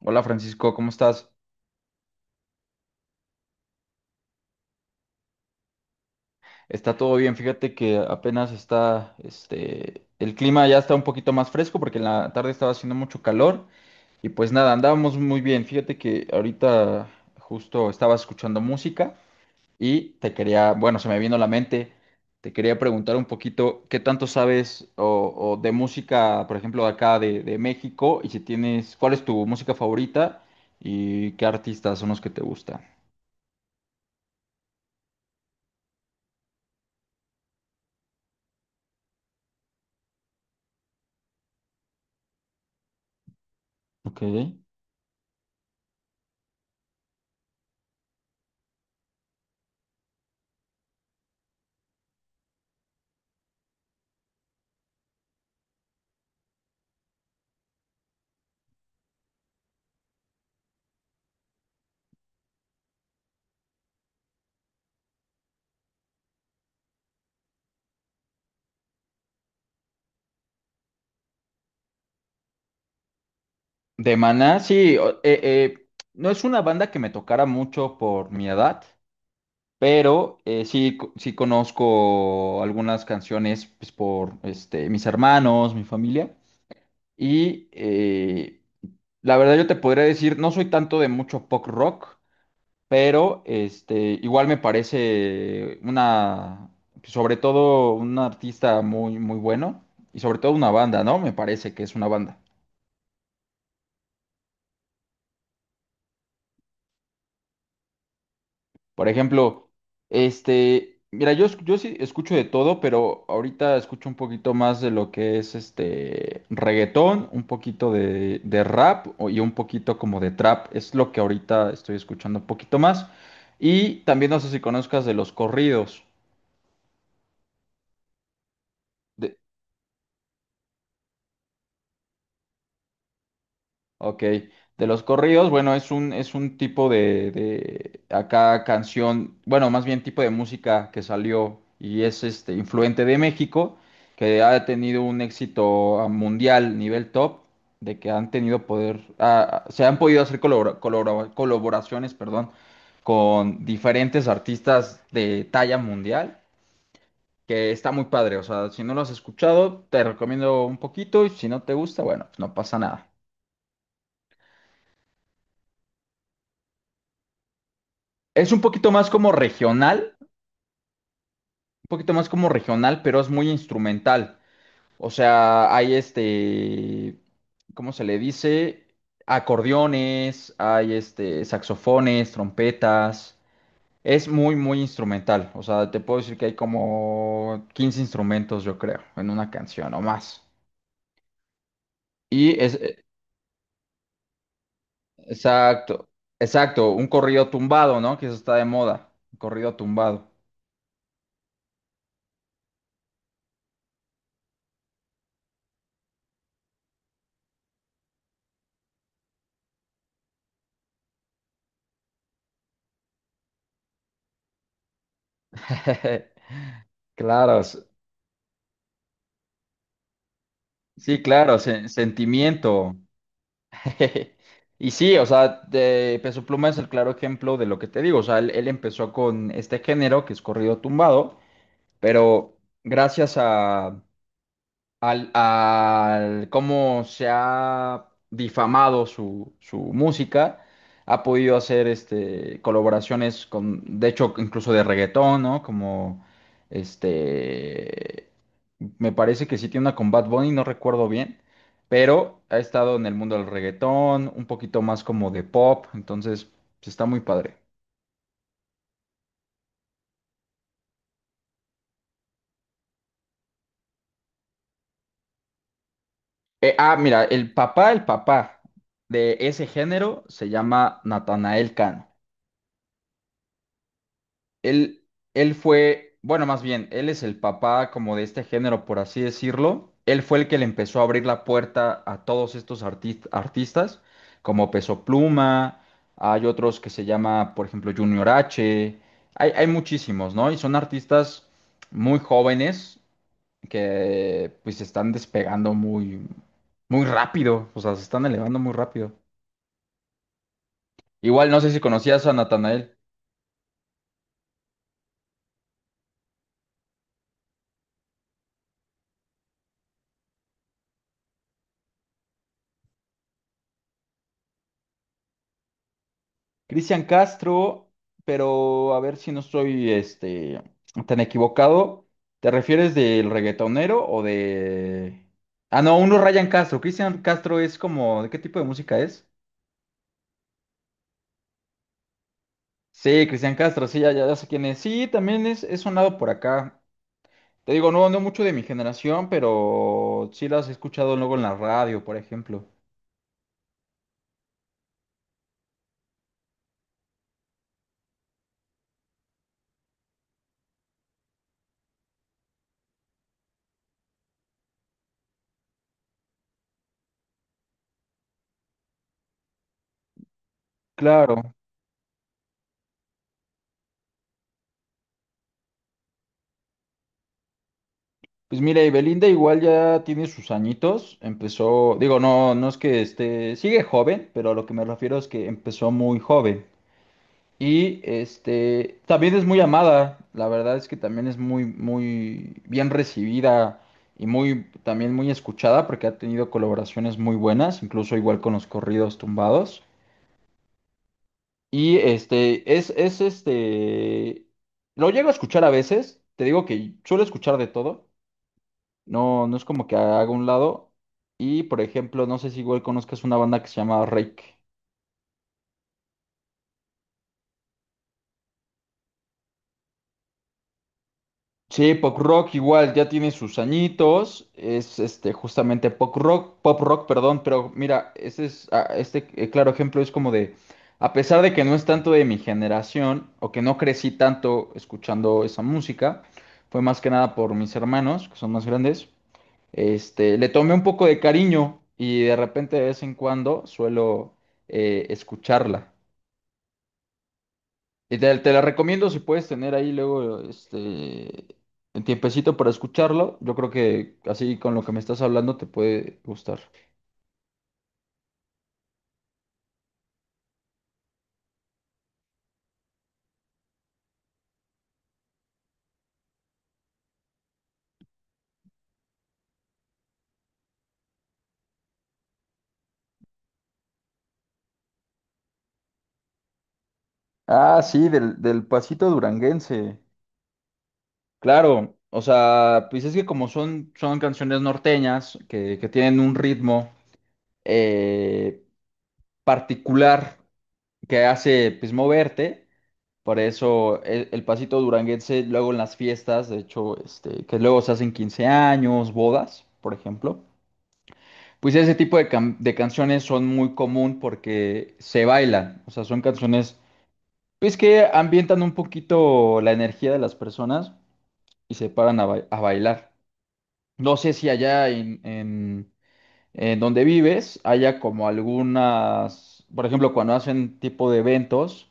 Hola Francisco, ¿cómo estás? Está todo bien, fíjate que apenas está, el clima ya está un poquito más fresco porque en la tarde estaba haciendo mucho calor y pues nada, andábamos muy bien. Fíjate que ahorita justo estaba escuchando música y te quería, bueno, se me vino a la mente, te quería preguntar un poquito qué tanto sabes o de música, por ejemplo, de acá de México y si tienes, ¿cuál es tu música favorita y qué artistas son los que te gustan? Ok. De Maná, sí, no es una banda que me tocara mucho por mi edad, pero sí, sí conozco algunas canciones pues, por mis hermanos, mi familia, y la verdad yo te podría decir, no soy tanto de mucho pop rock, pero igual me parece sobre todo un artista muy, muy bueno, y sobre todo una banda, ¿no? Me parece que es una banda. Por ejemplo, mira, yo, yo sí escucho de todo, pero ahorita escucho un poquito más de lo que es este reggaetón, un poquito de rap y un poquito como de trap. Es lo que ahorita estoy escuchando un poquito más. Y también no sé si conozcas de los corridos. Ok, de los corridos, bueno, es un tipo de acá canción, bueno, más bien tipo de música que salió y es este influente de México, que ha tenido un éxito a mundial, nivel top, de que han tenido poder, se han podido hacer colaboraciones, perdón, con diferentes artistas de talla mundial, que está muy padre, o sea, si no lo has escuchado, te recomiendo un poquito y si no te gusta, bueno, pues no pasa nada. Es un poquito más como regional, un poquito más como regional, pero es muy instrumental. O sea, hay ¿cómo se le dice? Acordeones, hay saxofones, trompetas. Es muy, muy instrumental. O sea, te puedo decir que hay como 15 instrumentos, yo creo, en una canción o más. Y exacto, exacto, un corrido tumbado, ¿no? Que eso está de moda, un corrido tumbado. Claro. Sí, claro, sentimiento. Y sí, o sea, de Peso Pluma es el claro ejemplo de lo que te digo. O sea, él empezó con este género que es corrido tumbado, pero gracias al cómo se ha difamado su música, ha podido hacer colaboraciones con, de hecho, incluso de reggaetón, ¿no? Como este me parece que sí tiene una con Bad Bunny, no recuerdo bien, pero ha estado en el mundo del reggaetón, un poquito más como de pop, entonces pues, está muy padre. Mira, el papá de ese género se llama Natanael Cano. Él, él fue, bueno, más bien, él es el papá como de este género, por así decirlo. Él fue el que le empezó a abrir la puerta a todos estos artistas, como Peso Pluma, hay otros que se llama, por ejemplo, Junior H, hay muchísimos, ¿no? Y son artistas muy jóvenes que pues se están despegando muy, muy rápido, o sea, se están elevando muy rápido. Igual no sé si conocías a Natanael. Cristian Castro, pero a ver si no estoy tan equivocado. ¿Te refieres del reggaetonero o de... Ah, no, uno es Ryan Castro. Cristian Castro es como... ¿De qué tipo de música es? Sí, Cristian Castro, sí, ya, ya, ya sé quién es. Sí, también es sonado por acá. Te digo, no, no mucho de mi generación, pero sí las he escuchado luego en la radio, por ejemplo. Claro. Pues mira, y Belinda igual ya tiene sus añitos, empezó, digo, no, no es que sigue joven, pero a lo que me refiero es que empezó muy joven. Y también es muy amada, la verdad es que también es muy, muy bien recibida y muy, también muy escuchada porque ha tenido colaboraciones muy buenas, incluso igual con los corridos tumbados. Y este, es, es este, lo llego a escuchar a veces, te digo que suelo escuchar de todo. No, no es como que haga un lado. Y por ejemplo, no sé si igual conozcas una banda que se llama Rake. Sí, pop rock igual, ya tiene sus añitos. Es justamente pop rock, perdón, pero mira, es claro ejemplo es como de a pesar de que no es tanto de mi generación o que no crecí tanto escuchando esa música, fue más que nada por mis hermanos, que son más grandes. Le tomé un poco de cariño y de repente de vez en cuando suelo escucharla. Y te la recomiendo si puedes tener ahí luego un tiempecito para escucharlo. Yo creo que así con lo que me estás hablando te puede gustar. Ah, sí, del pasito duranguense. Claro, o sea, pues es que como son canciones norteñas que tienen un ritmo eh, particular que hace pues moverte, por eso el pasito duranguense luego en las fiestas, de hecho, que luego se hacen 15 años, bodas, por ejemplo. Pues ese tipo de canciones son muy común porque se bailan, o sea, son canciones pues que ambientan un poquito la energía de las personas y se paran a bailar. No sé si allá en donde vives haya como algunas, por ejemplo, cuando hacen tipo de eventos,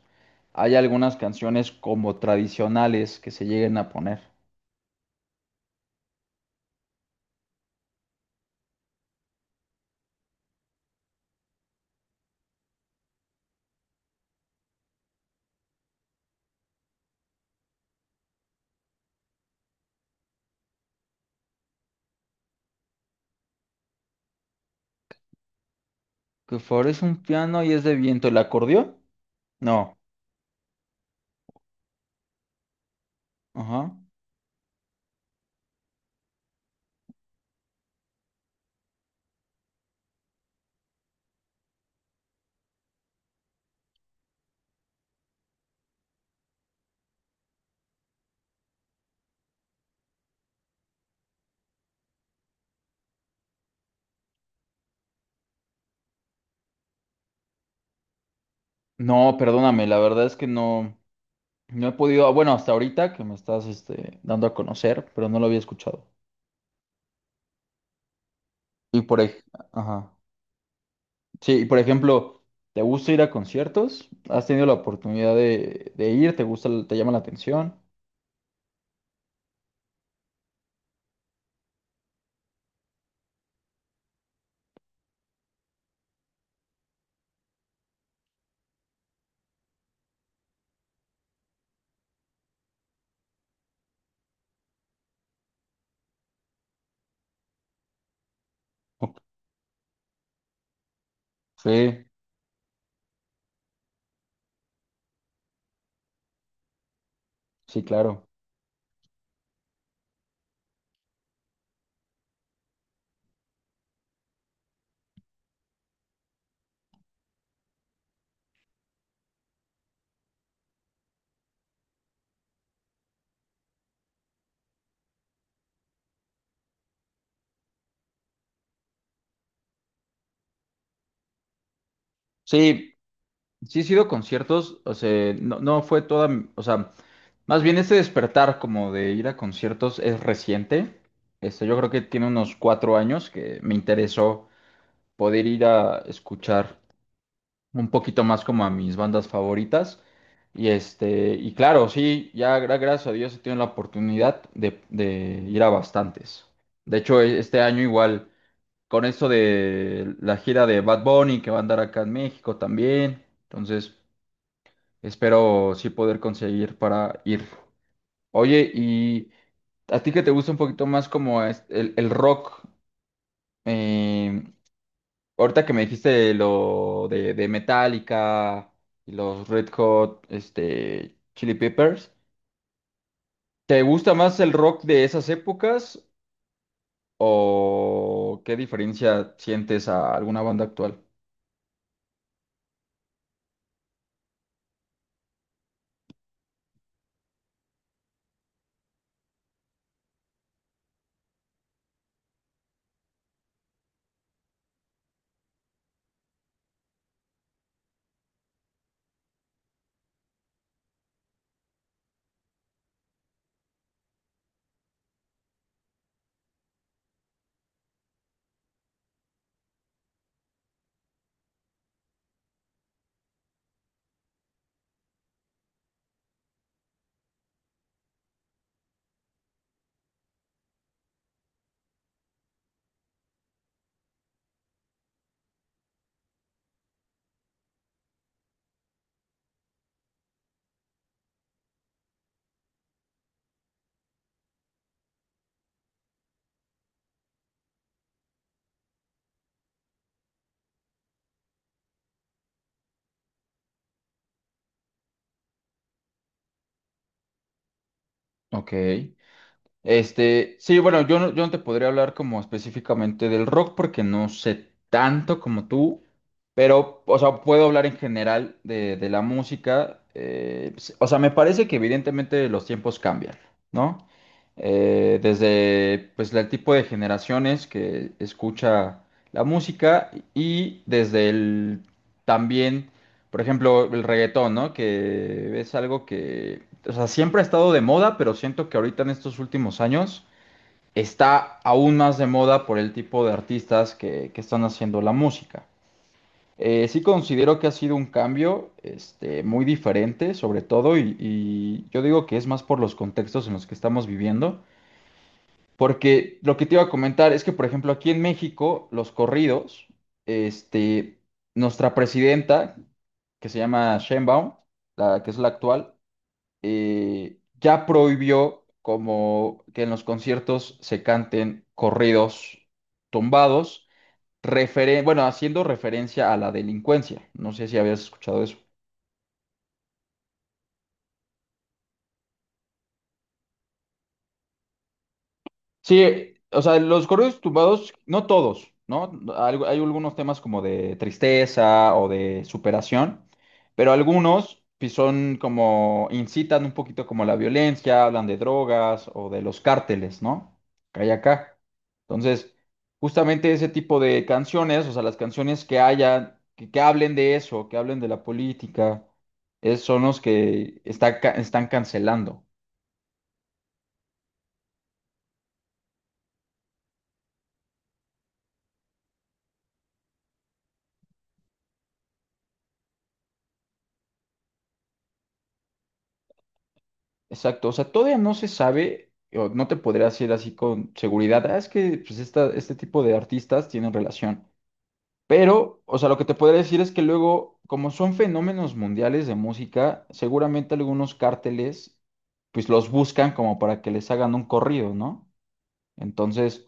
hay algunas canciones como tradicionales que se lleguen a poner. Que favorece un piano y es de viento, ¿el acordeón? No. Ajá. No, perdóname, la verdad es que no. No he podido, bueno, hasta ahorita que me estás dando a conocer, pero no lo había escuchado. Y por, ej- ajá. Sí, y por ejemplo, ¿te gusta ir a conciertos? ¿Has tenido la oportunidad de ir? ¿Te gusta, te llama la atención? Ok. Sí, sí, claro. Sí, sí he sido a conciertos, o sea, no, no fue toda, o sea, más bien este despertar como de ir a conciertos es reciente. Yo creo que tiene unos 4 años que me interesó poder ir a escuchar un poquito más como a mis bandas favoritas. Y claro, sí, ya gracias a Dios he tenido la oportunidad de ir a bastantes. De hecho, este año igual, con esto de la gira de Bad Bunny que va a andar acá en México también. Entonces, espero sí poder conseguir para ir. Oye, y a ti que te gusta un poquito más como el rock. em, Ahorita que me dijiste lo de Metallica y los Red Hot, Chili Peppers, ¿te gusta más el rock de esas épocas o qué diferencia sientes a alguna banda actual? Ok. Sí, bueno, yo no te podría hablar como específicamente del rock porque no sé tanto como tú, pero, o sea, puedo hablar en general de la música. O sea, me parece que evidentemente los tiempos cambian, ¿no? Desde, pues, el tipo de generaciones que escucha la música y desde el también por ejemplo, el reggaetón, ¿no? Que es algo que, o sea, siempre ha estado de moda, pero siento que ahorita en estos últimos años está aún más de moda por el tipo de artistas que están haciendo la música. Sí considero que ha sido un cambio, muy diferente, sobre todo, y yo digo que es más por los contextos en los que estamos viviendo. Porque lo que te iba a comentar es que, por ejemplo, aquí en México, los corridos, este, nuestra presidenta, que se llama Sheinbaum, la que es la actual, ya prohibió como que en los conciertos se canten corridos tumbados, bueno, haciendo referencia a la delincuencia. No sé si habías escuchado eso. Sí, o sea, los corridos tumbados, no todos, ¿no? Hay algunos temas como de tristeza o de superación, pero algunos sí son como, incitan un poquito como la violencia, hablan de drogas o de los cárteles, ¿no? Que hay acá. Entonces, justamente ese tipo de canciones, o sea, las canciones que haya, que hablen de eso, que hablen de la política, son los que está están cancelando. Exacto, o sea, todavía no se sabe, o no te podría decir así con seguridad, "Ah, es que pues, este tipo de artistas tienen relación. Pero, o sea, lo que te podría decir es que luego, como son fenómenos mundiales de música, seguramente algunos cárteles, pues los buscan como para que les hagan un corrido, ¿no? Entonces,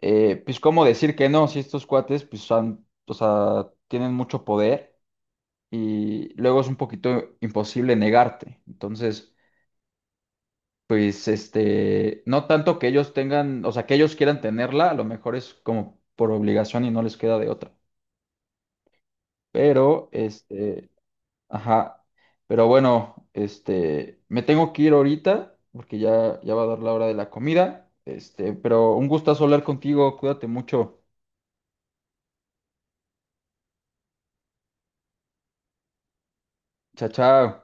pues, ¿cómo decir que no? Si estos cuates, pues, han, o sea, tienen mucho poder y luego es un poquito imposible negarte. Entonces... Pues no tanto que ellos tengan, o sea, que ellos quieran tenerla, a lo mejor es como por obligación y no les queda de otra. Pero, ajá, pero bueno, me tengo que ir ahorita porque ya va a dar la hora de la comida. Pero un gustazo hablar contigo, cuídate mucho. Chao, chao.